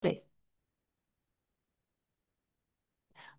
Tres.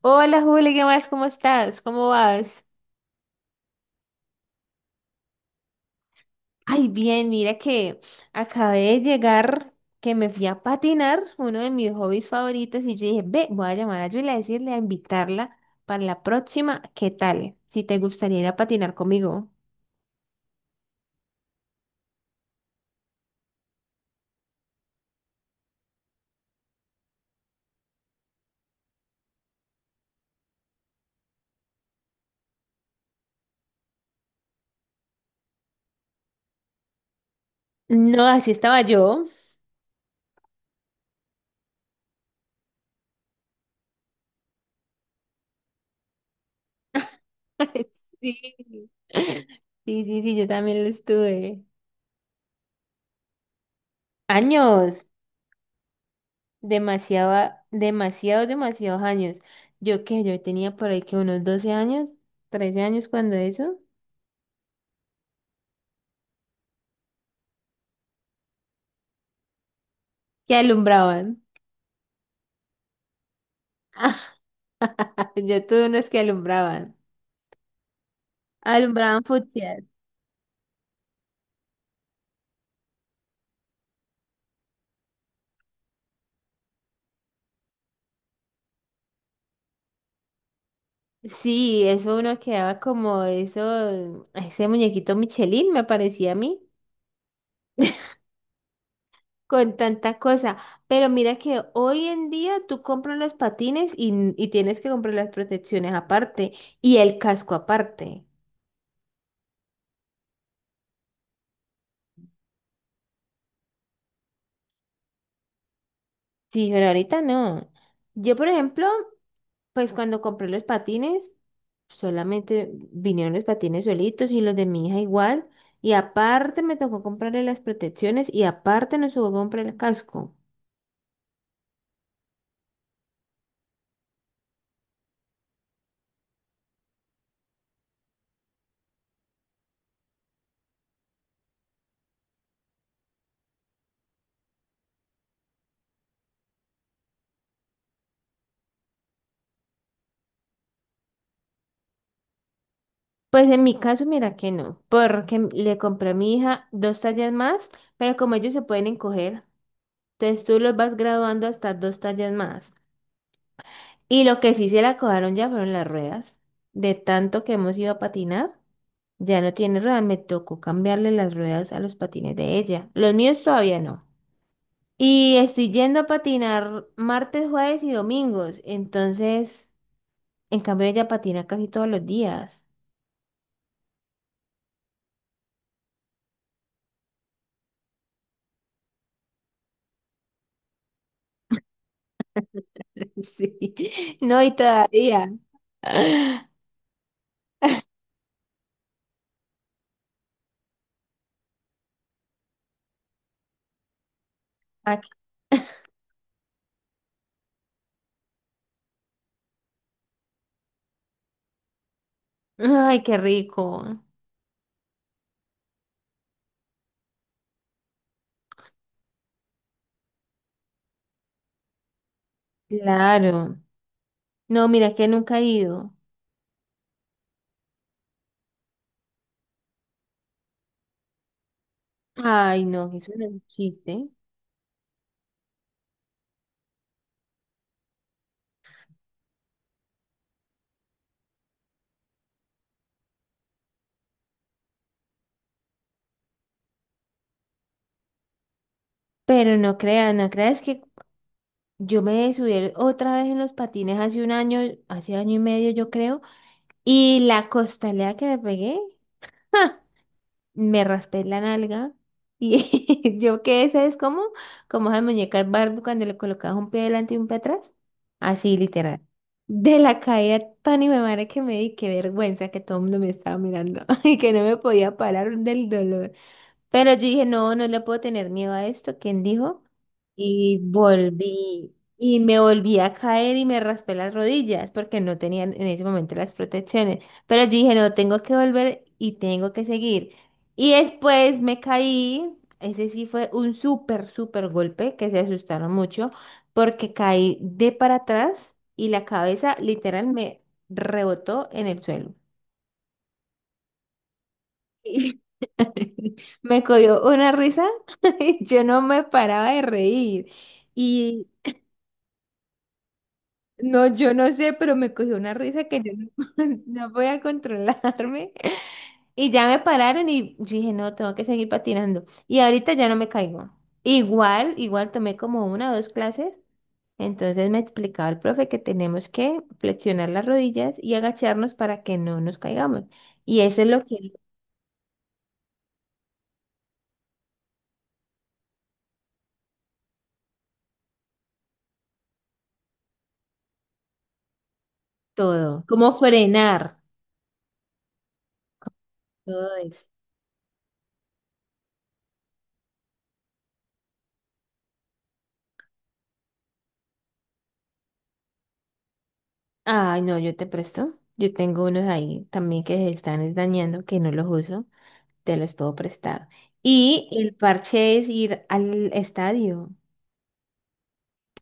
Hola Juli, ¿qué más? ¿Cómo estás? ¿Cómo vas? Ay, bien, mira que acabé de llegar, que me fui a patinar, uno de mis hobbies favoritos, y yo dije, ve, voy a llamar a Julia a decirle, a invitarla para la próxima. ¿Qué tal si te gustaría ir a patinar conmigo? No, así estaba yo. Sí, sí, sí, sí, yo también lo estuve. Años. Demasiado, demasiados, demasiados años. Yo tenía por ahí que unos 12 años, 13 años cuando eso, que alumbraban. Yo tuve unos que alumbraban. Alumbraban futsal. Sí, eso uno quedaba como eso, ese muñequito Michelin me parecía a mí, con tanta cosa. Pero mira que hoy en día tú compras los patines y tienes que comprar las protecciones aparte y el casco aparte. Sí, pero ahorita no. Yo, por ejemplo, pues cuando compré los patines, solamente vinieron los patines solitos y los de mi hija igual. Y aparte me tocó comprarle las protecciones y aparte nos tocó comprar el casco. Pues en mi caso, mira que no, porque le compré a mi hija dos tallas más, pero como ellos se pueden encoger, entonces tú los vas graduando hasta dos tallas más. Y lo que sí se la cojaron ya fueron las ruedas. De tanto que hemos ido a patinar, ya no tiene ruedas, me tocó cambiarle las ruedas a los patines de ella. Los míos todavía no. Y estoy yendo a patinar martes, jueves y domingos. Entonces, en cambio, ella patina casi todos los días. Sí. No, y todavía. Ay, ay, qué rico. Claro. No, mira que nunca he ido. Ay, no, eso no es un chiste. Pero no creas, no creas que yo me subí otra vez en los patines hace un año, hace año y medio, yo creo. Y la costalera que me pegué. Me raspé la nalga y yo quedé, ¿sabes cómo? Como esas muñecas Barbie cuando le colocabas un pie delante y un pie atrás. Así, literal. De la caída tan y me madre que me di, qué vergüenza que todo el mundo me estaba mirando y que no me podía parar del dolor. Pero yo dije, no, no le puedo tener miedo a esto. ¿Quién dijo? Y volví, y me volví a caer y me raspé las rodillas porque no tenían en ese momento las protecciones. Pero yo dije, no, tengo que volver y tengo que seguir. Y después me caí, ese sí fue un súper, súper golpe que se asustaron mucho porque caí de para atrás y la cabeza literal me rebotó en el suelo. Y me cogió una risa y yo no me paraba de reír. Y no, yo no sé, pero me cogió una risa que yo no, no podía controlarme. Y ya me pararon y yo dije, no, tengo que seguir patinando. Y ahorita ya no me caigo. Igual, igual tomé como una o dos clases. Entonces me explicaba el profe que tenemos que flexionar las rodillas y agacharnos para que no nos caigamos. Y eso es lo que es todo, como frenar, todo eso. Ay, no, yo te presto. Yo tengo unos ahí también que se están es dañando, que no los uso. Te los puedo prestar. Y el parche es ir al estadio,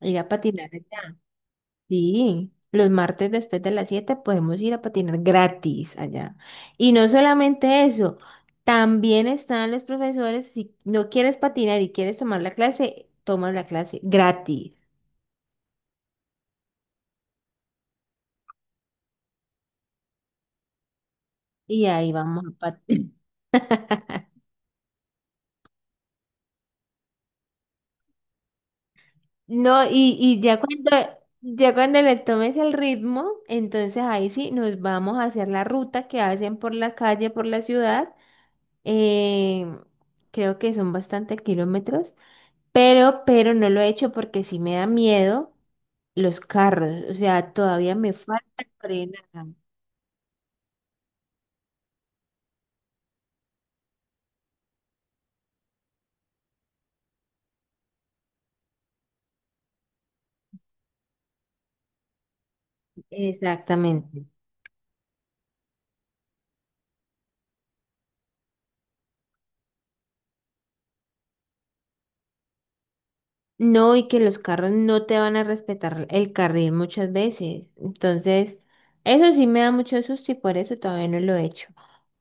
ir a patinar allá. Sí, los martes después de las 7 podemos ir a patinar gratis allá. Y no solamente eso, también están los profesores. Si no quieres patinar y quieres tomar la clase, tomas la clase gratis. Y ahí vamos a patinar. No, y ya cuando le tomes el ritmo, entonces ahí sí nos vamos a hacer la ruta que hacen por la calle, por la ciudad. eh, Creo que son bastantes kilómetros, pero no lo he hecho porque sí me da miedo los carros. O sea, todavía me falta frenar. Exactamente. No, y que los carros no te van a respetar el carril muchas veces. Entonces, eso sí me da mucho susto y por eso todavía no lo he hecho.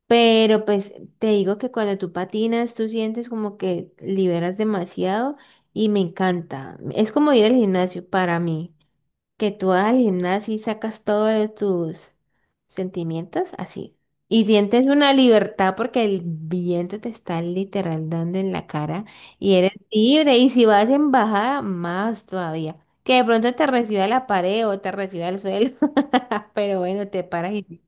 Pero pues te digo que cuando tú patinas, tú sientes como que liberas demasiado y me encanta. Es como ir al gimnasio para mí, que tú vas al gimnasio y sacas todos tus sentimientos así. Y sientes una libertad porque el viento te está literal dando en la cara y eres libre. Y si vas en bajada, más todavía. Que de pronto te reciba la pared o te reciba el suelo. Pero bueno, te paras y...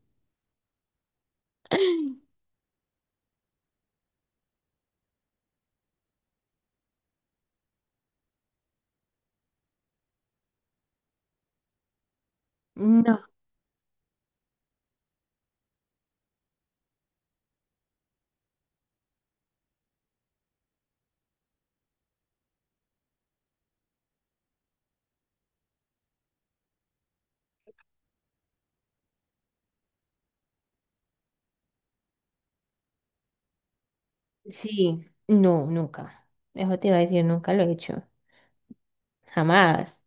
No. Sí, no, nunca. Eso te iba a decir, nunca lo he hecho. Jamás.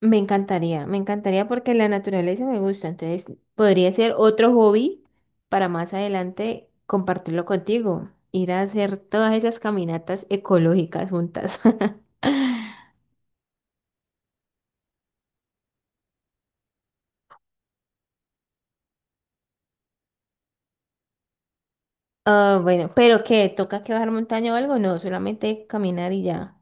Me encantaría porque la naturaleza me gusta. Entonces, podría ser otro hobby para más adelante compartirlo contigo. Ir a hacer todas esas caminatas ecológicas juntas. Ah, bueno, pero ¿qué? ¿Toca que bajar montaña o algo? No, solamente caminar y ya.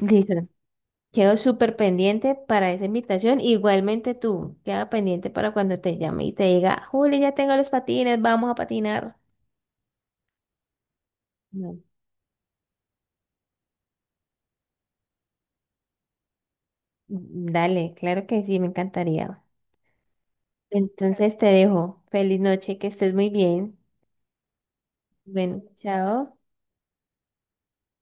Listo. Quedo súper pendiente para esa invitación. Igualmente tú, queda pendiente para cuando te llame y te diga, Juli, ya tengo los patines, vamos a patinar. No. Dale, claro que sí, me encantaría. Entonces te dejo. Feliz noche, que estés muy bien. Bueno, chao.